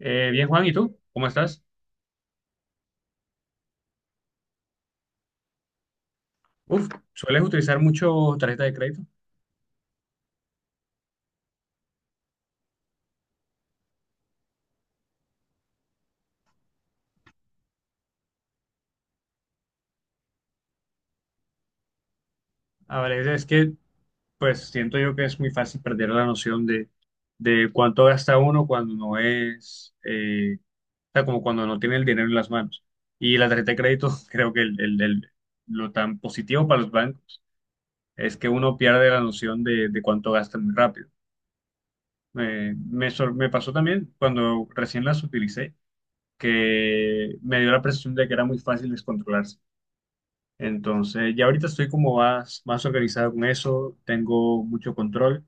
Bien, Juan, ¿y tú? ¿Cómo estás? Uf, ¿sueles utilizar mucho tarjeta de crédito? A veces es que, pues, siento yo que es muy fácil perder la noción de cuánto gasta uno cuando no es, o sea, como cuando no tiene el dinero en las manos. Y la tarjeta de crédito, creo que lo tan positivo para los bancos es que uno pierde la noción de cuánto gasta muy rápido. Me pasó también cuando recién las utilicé, que me dio la percepción de que era muy fácil descontrolarse. Entonces, ya ahorita estoy como más organizado con eso, tengo mucho control.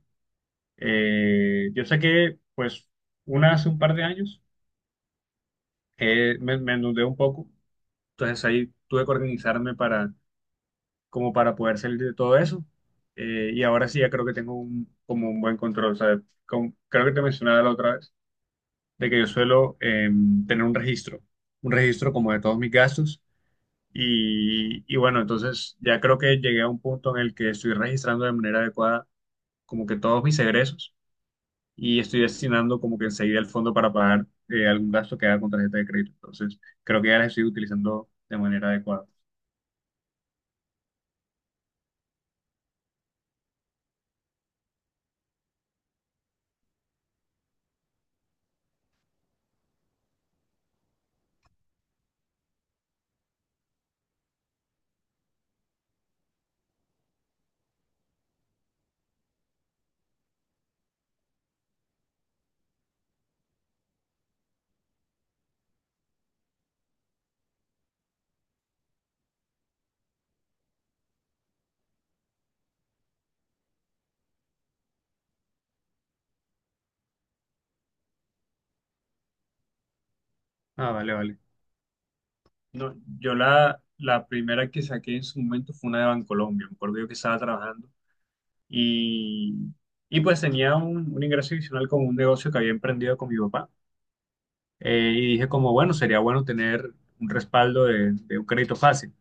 Yo sé que, pues, una hace un par de años me endeudé un poco, entonces ahí tuve que organizarme para, como para poder salir de todo eso. Y ahora sí, ya creo que tengo un, como un buen control, ¿sabes? Creo que te mencionaba la otra vez, de que yo suelo tener un registro como de todos mis gastos. Y bueno, entonces ya creo que llegué a un punto en el que estoy registrando de manera adecuada como que todos mis egresos y estoy destinando como que enseguida el fondo para pagar algún gasto que haga con tarjeta de crédito. Entonces creo que ya las estoy utilizando de manera adecuada. Ah, vale, vale. No, yo la primera que saqué en su momento fue una de Bancolombia. Me acuerdo yo que estaba trabajando y, y pues tenía un ingreso adicional con un negocio que había emprendido con mi papá. Y dije como, bueno, sería bueno tener un respaldo de un crédito fácil,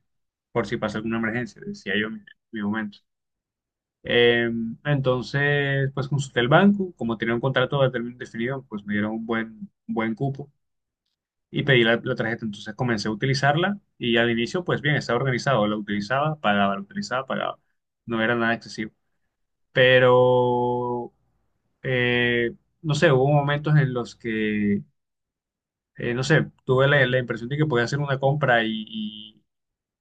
por si pasa alguna emergencia, decía yo en mi momento. Eh, entonces, pues consulté el banco, como tenía un contrato de término definido, pues me dieron un buen cupo y pedí la tarjeta. Entonces comencé a utilizarla y al inicio, pues bien, estaba organizado, la utilizaba, pagaba, la utilizaba, pagaba. No era nada excesivo. Pero, eh, no sé, hubo momentos en los que no sé, tuve la impresión de que podía hacer una compra y, y-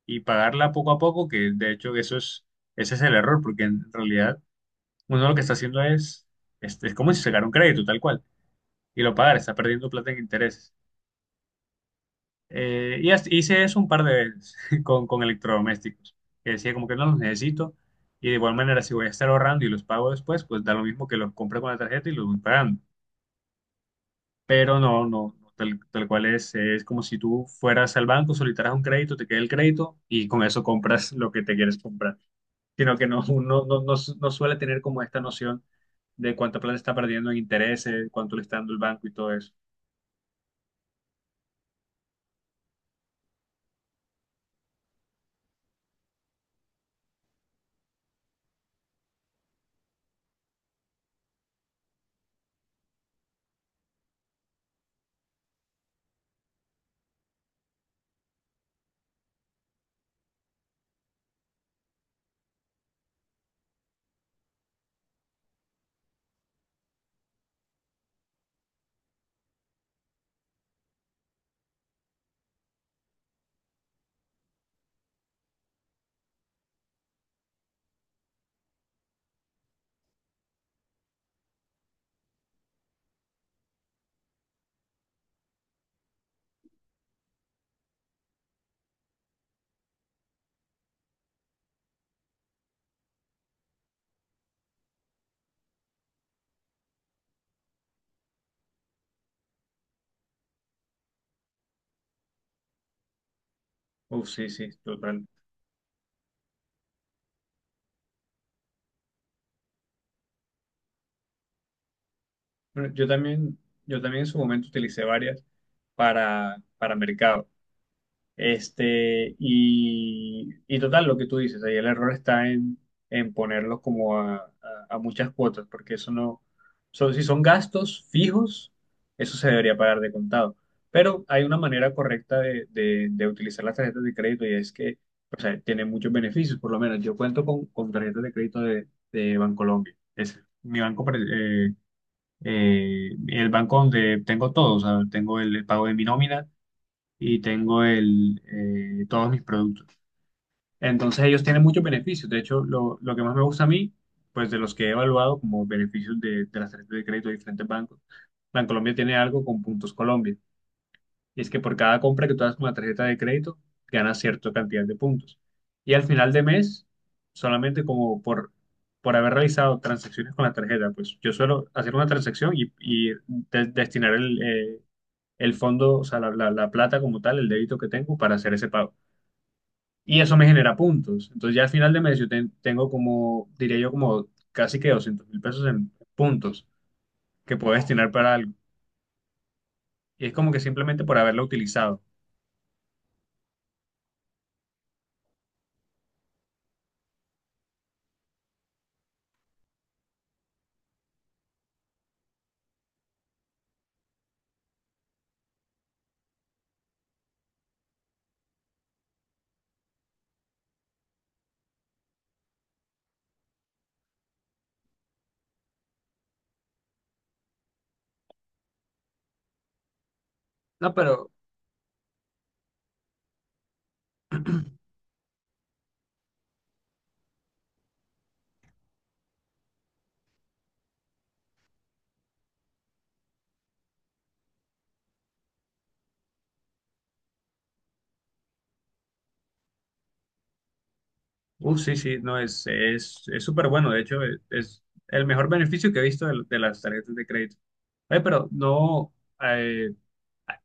y pagarla poco a poco, que de hecho ese es el error, porque en realidad uno lo que está haciendo es como si sacara un crédito, tal cual, y lo pagara, está perdiendo plata en intereses. Hice eso un par de veces con electrodomésticos, que decía como que no los necesito, y de igual manera si voy a estar ahorrando y los pago después, pues da lo mismo que los compré con la tarjeta y los voy pagando. Pero no, no, no, tal cual es como si tú fueras al banco, solicitaras un crédito, te queda el crédito y con eso compras lo que te quieres comprar, sino que no suele tener como esta noción de cuánta plata está perdiendo en intereses, cuánto le está dando el banco y todo eso. Uf, sí, sí, total. Bueno, yo también en su momento utilicé varias para mercado. Este, y total, lo que tú dices, ahí el error está en ponerlos como a muchas cuotas, porque eso no, son, si son gastos fijos, eso se debería pagar de contado. Pero hay una manera correcta de utilizar las tarjetas de crédito y es que, o sea, tienen muchos beneficios, por lo menos yo cuento con tarjetas de crédito de Bancolombia, es mi banco, eh, el banco donde tengo todo, o sea, tengo el pago de mi nómina y tengo todos mis productos. Entonces ellos tienen muchos beneficios. De hecho, lo que más me gusta a mí, pues de los que he evaluado como beneficios de las tarjetas de crédito de diferentes bancos, Bancolombia tiene algo con Puntos Colombia. Y es que por cada compra que tú hagas con la tarjeta de crédito, ganas cierta cantidad de puntos. Y al final de mes, solamente como por haber realizado transacciones con la tarjeta, pues yo suelo hacer una transacción y destinar el fondo, o sea, la plata como tal, el débito que tengo para hacer ese pago. Y eso me genera puntos. Entonces ya al final de mes yo tengo como, diría yo, como casi que 200.000 pesos en puntos que puedo destinar para algo. Y es como que simplemente por haberlo utilizado. No, pero, sí, sí, no, es súper bueno. De hecho, es el mejor beneficio que he visto de las tarjetas de crédito. Oye, pero no, eh,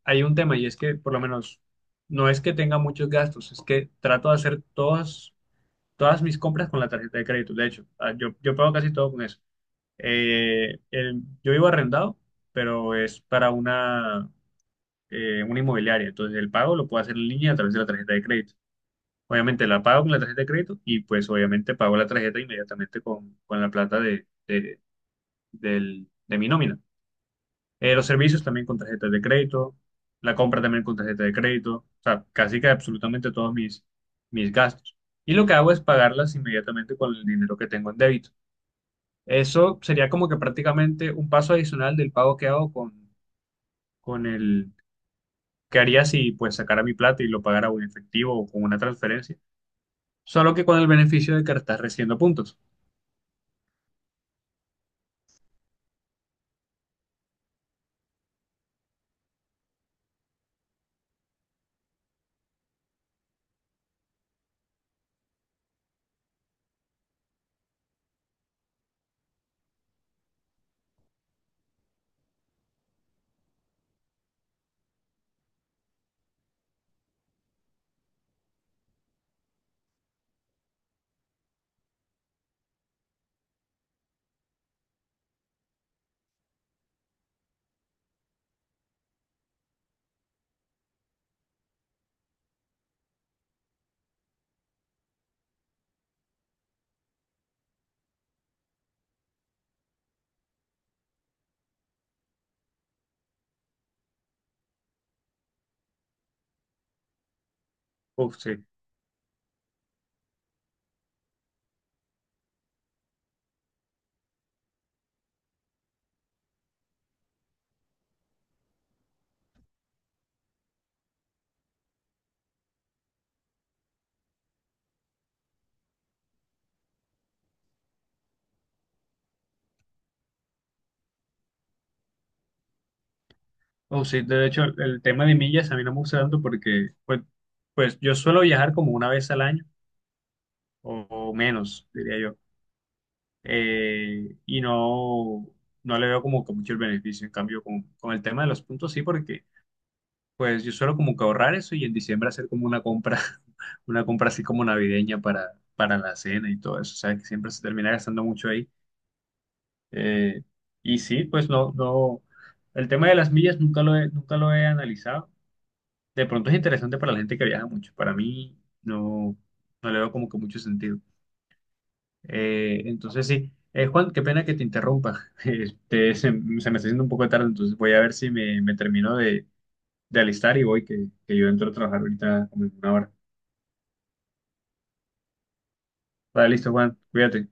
hay un tema y es que por lo menos no es que tenga muchos gastos, es que trato de hacer todas mis compras con la tarjeta de crédito. De hecho, yo pago casi todo con eso. Yo vivo arrendado, pero es para una inmobiliaria. Entonces, el pago lo puedo hacer en línea a través de la tarjeta de crédito. Obviamente la pago con la tarjeta de crédito y pues obviamente pago la tarjeta inmediatamente con la plata de mi nómina. Los servicios también con tarjetas de crédito, la compra también con tarjeta de crédito, o sea, casi que absolutamente todos mis gastos. Y lo que hago es pagarlas inmediatamente con el dinero que tengo en débito. Eso sería como que prácticamente un paso adicional del pago que hago con el que haría si pues sacara mi plata y lo pagara o en efectivo o con una transferencia, solo que con el beneficio de que estás recibiendo puntos. Uf, sí. Uf, sí, de hecho el tema de millas a mí no me gusta tanto porque pues, pues yo suelo viajar como una vez al año o menos, diría yo. Y no le veo como que mucho el beneficio. En cambio, con el tema de los puntos sí, porque pues yo suelo como que ahorrar eso y en diciembre hacer como una compra, una compra así como navideña para la cena y todo eso. O sea, que siempre se termina gastando mucho ahí. Eh, y sí, pues no, no. El tema de las millas nunca lo he analizado. De pronto es interesante para la gente que viaja mucho. Para mí no, no le veo como que mucho sentido. Entonces sí. Juan, qué pena que te interrumpa. Este, se me está haciendo un poco tarde, entonces voy a ver si me termino de alistar y voy, que yo entro a trabajar ahorita como en una hora. Vale, listo, Juan, cuídate.